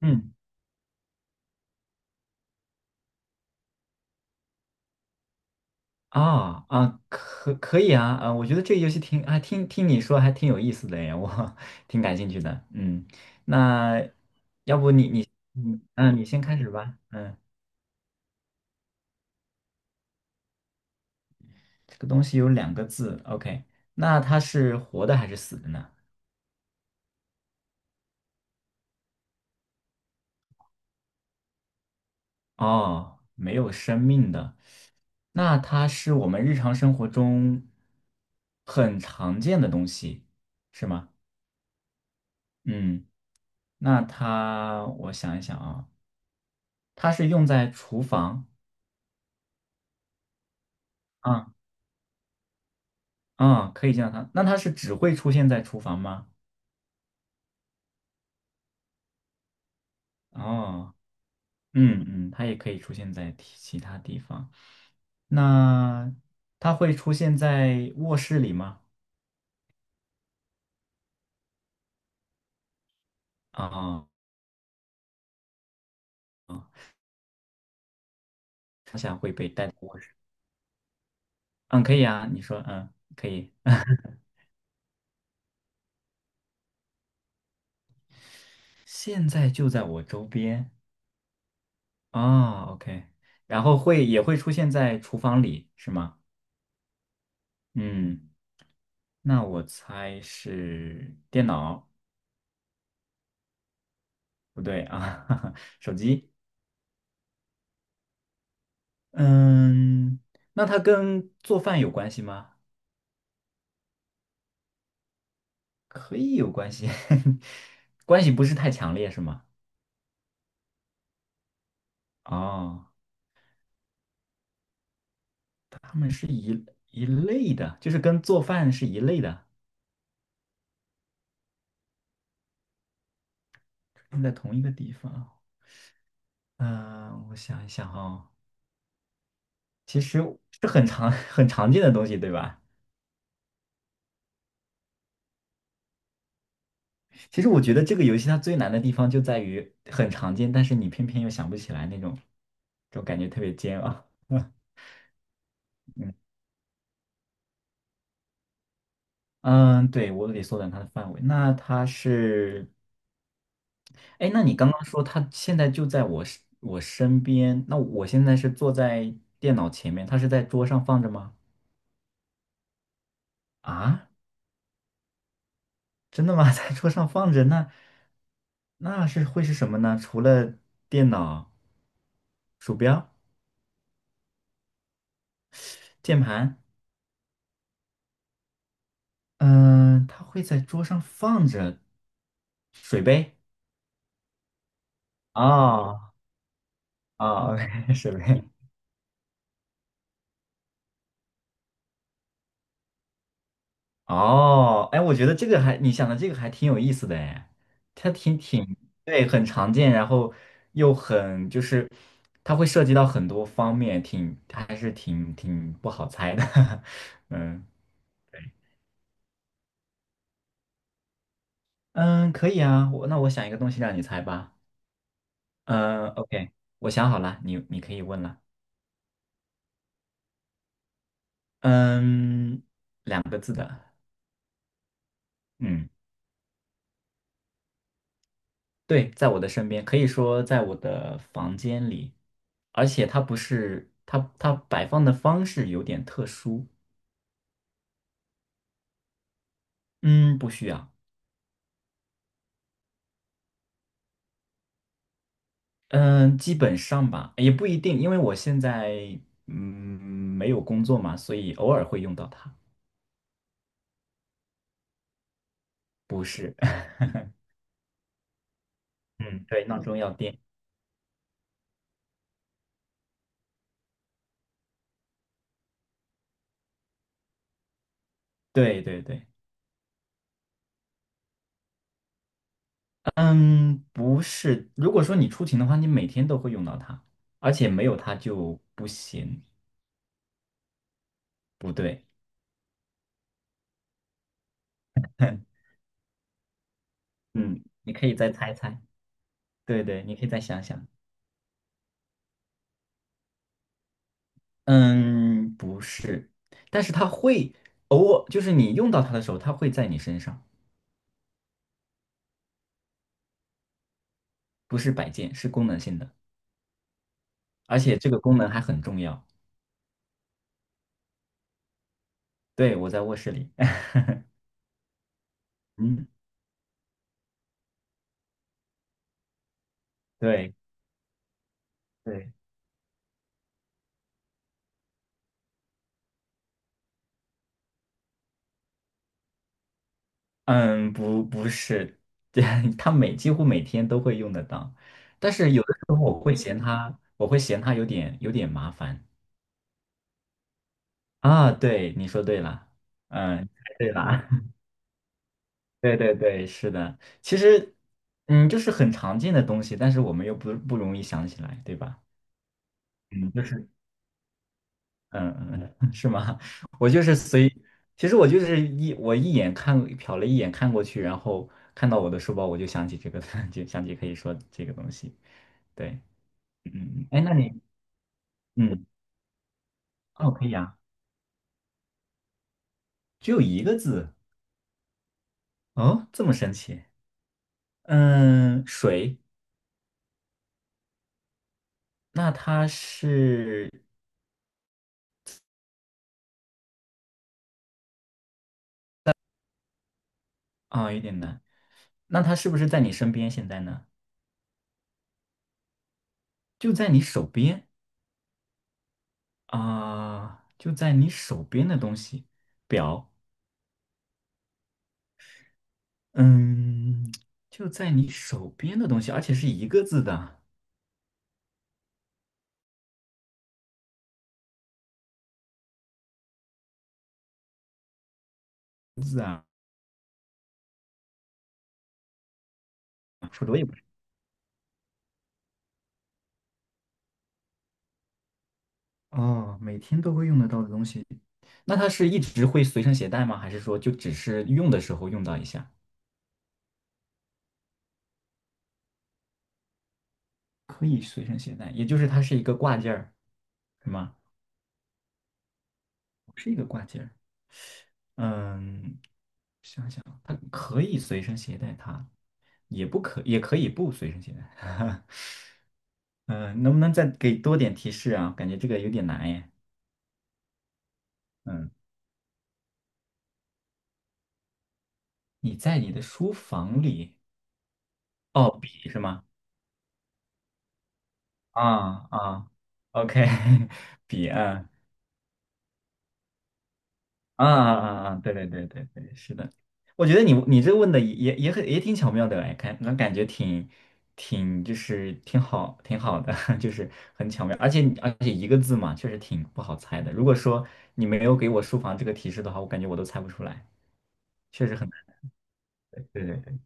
嗯啊，可以啊，我觉得这个游戏挺啊听你说还挺有意思的耶，我 挺感兴趣的。嗯，那要不你你先开始吧。嗯，这个东西有两个字，OK，那它是活的还是死的呢？哦，没有生命的，那它是我们日常生活中很常见的东西，是吗？嗯，那它我想一想啊，它是用在厨房。啊啊，可以见到它。那它是只会出现在厨房吗？哦，嗯嗯，它也可以出现在其他地方。那它会出现在卧室里吗？啊啊，它想会被带到卧室。嗯，可以啊，你说，嗯，可以。现在就在我周边啊，OK。然后会也会出现在厨房里，是吗？嗯，那我猜是电脑，不对啊，手机。嗯，那它跟做饭有关系吗？可以有关系，关系不是太强烈，是吗？哦，它们是一类的，就是跟做饭是一类的，用在同一个地方。嗯，我想一想哦，其实是很常 很常见的东西，对吧？其实我觉得这个游戏它最难的地方就在于很常见，但是你偏偏又想不起来那种，这种感觉特别煎熬。嗯，嗯，对，我得缩短它的范围。那它是哎，那你刚刚说他现在就在我身边，那我现在是坐在电脑前面，他是在桌上放着吗？啊，真的吗？在桌上放着，那那是会是什么呢？除了电脑、鼠标、键盘，嗯、他会在桌上放着水杯。哦，哦，OK，水杯，哦，哎，我觉得这个还，你想的这个还挺有意思的哎，它挺，对，很常见，然后又很就是，它会涉及到很多方面，挺，它还是挺不好猜的，嗯嗯，可以啊，我想一个东西让你猜吧，嗯，OK，我想好了，你可以问了，嗯，两个字的，嗯，对，在我的身边，可以说在我的房间里，而且它不是它摆放的方式有点特殊，嗯，不需要，嗯，基本上吧，也不一定，因为我现在嗯没有工作嘛，所以偶尔会用到它，不是，嗯，对，闹钟要电。对对对，嗯，不是，如果说你出勤的话，你每天都会用到它，而且没有它就不行，不对，嗯，你可以再猜猜，对对，你可以再想想。嗯，不是，但是它会偶尔，就是你用到它的时候，它会在你身上，不是摆件，是功能性的，而且这个功能还很重要。对，我在卧室里，嗯，对对，嗯，不是，对，它每几乎每天都会用得到，但是有的时候我会嫌它，我会嫌它有点麻烦啊。对，你说对了，嗯，猜对了，对对对，是的，其实，嗯，就是很常见的东西，但是我们又不容易想起来，对吧？嗯，就是，嗯嗯，嗯 是吗？我就是随，其实我就是一眼看瞟了一眼看过去，然后看到我的书包，我就想起这个，就想起可以说这个东西。对，嗯，嗯，哎，那你，嗯，哦，可以啊，只有一个字，哦，这么神奇，嗯，水，那它是啊，有点难，那它是不是在你身边现在呢？就在你手边啊，就在你手边的东西，表，嗯，就在你手边的东西，而且是一个字的字啊，否则我也不知道哦，每天都会用得到的东西，那它是一直会随身携带吗？还是说就只是用的时候用到一下，可以随身携带，也就是它是一个挂件儿，是吗？是一个挂件儿，嗯，想想，它可以随身携带它，也可以不随身携带。嗯，能不能再给多点提示啊？感觉这个有点难耶。嗯，你在你的书房里，哦，笔是吗？啊啊，OK，笔啊啊啊啊！啊对对对对对，是的。我觉得你这问的也很也挺巧妙的哎，看那感觉挺挺好的，就是很巧妙，而且一个字嘛，确实挺不好猜的。如果说你没有给我书房这个提示的话，我感觉我都猜不出来，确实很难。对对。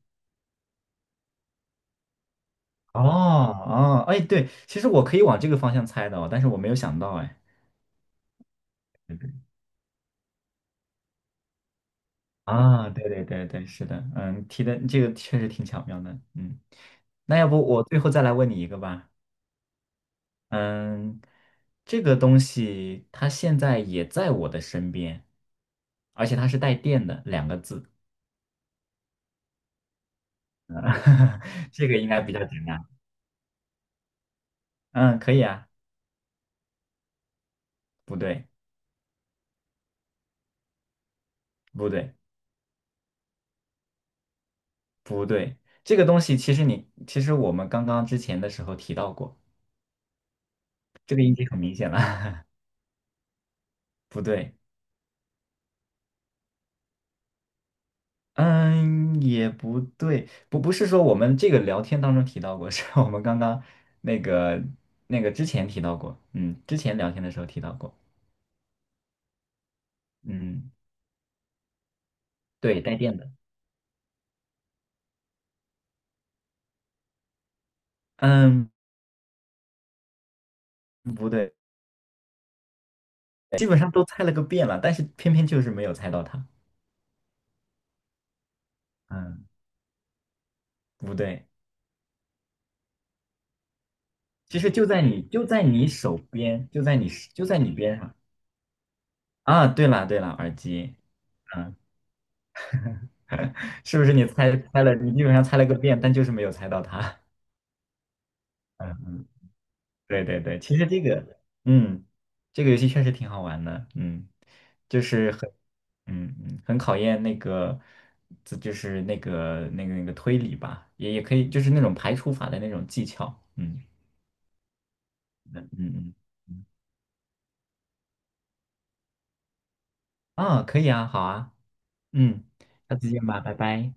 哦哦，哎，对，其实我可以往这个方向猜的哦，但是我没有想到，哎，对对啊，对对对对，是的，嗯，提的这个确实挺巧妙的，嗯，那要不我最后再来问你一个吧，嗯，这个东西它现在也在我的身边，而且它是带电的两个字，这个应该比较简单，嗯，可以啊，不对，不对，不对，这个东西其实我们刚刚之前的时候提到过，这个已经很明显了。不对，嗯，也不对，不是说我们这个聊天当中提到过，是我们刚刚那个那个之前提到过，嗯，之前聊天的时候提到过，嗯，对，带电的，嗯，不对，基本上都猜了个遍了，但是偏偏就是没有猜到它，嗯，不对，其实就在你手边，就在你边上啊，对了对了，耳机，嗯，是不是你猜了，你基本上猜了个遍，但就是没有猜到它，嗯嗯对对对，其实这个，嗯，这个游戏确实挺好玩的，嗯，就是很，嗯嗯，很考验那个，这就是那个推理吧，也也可以，就是那种排除法的那种技巧，嗯嗯嗯，嗯啊，可以啊，好啊，嗯，下次见吧，拜拜。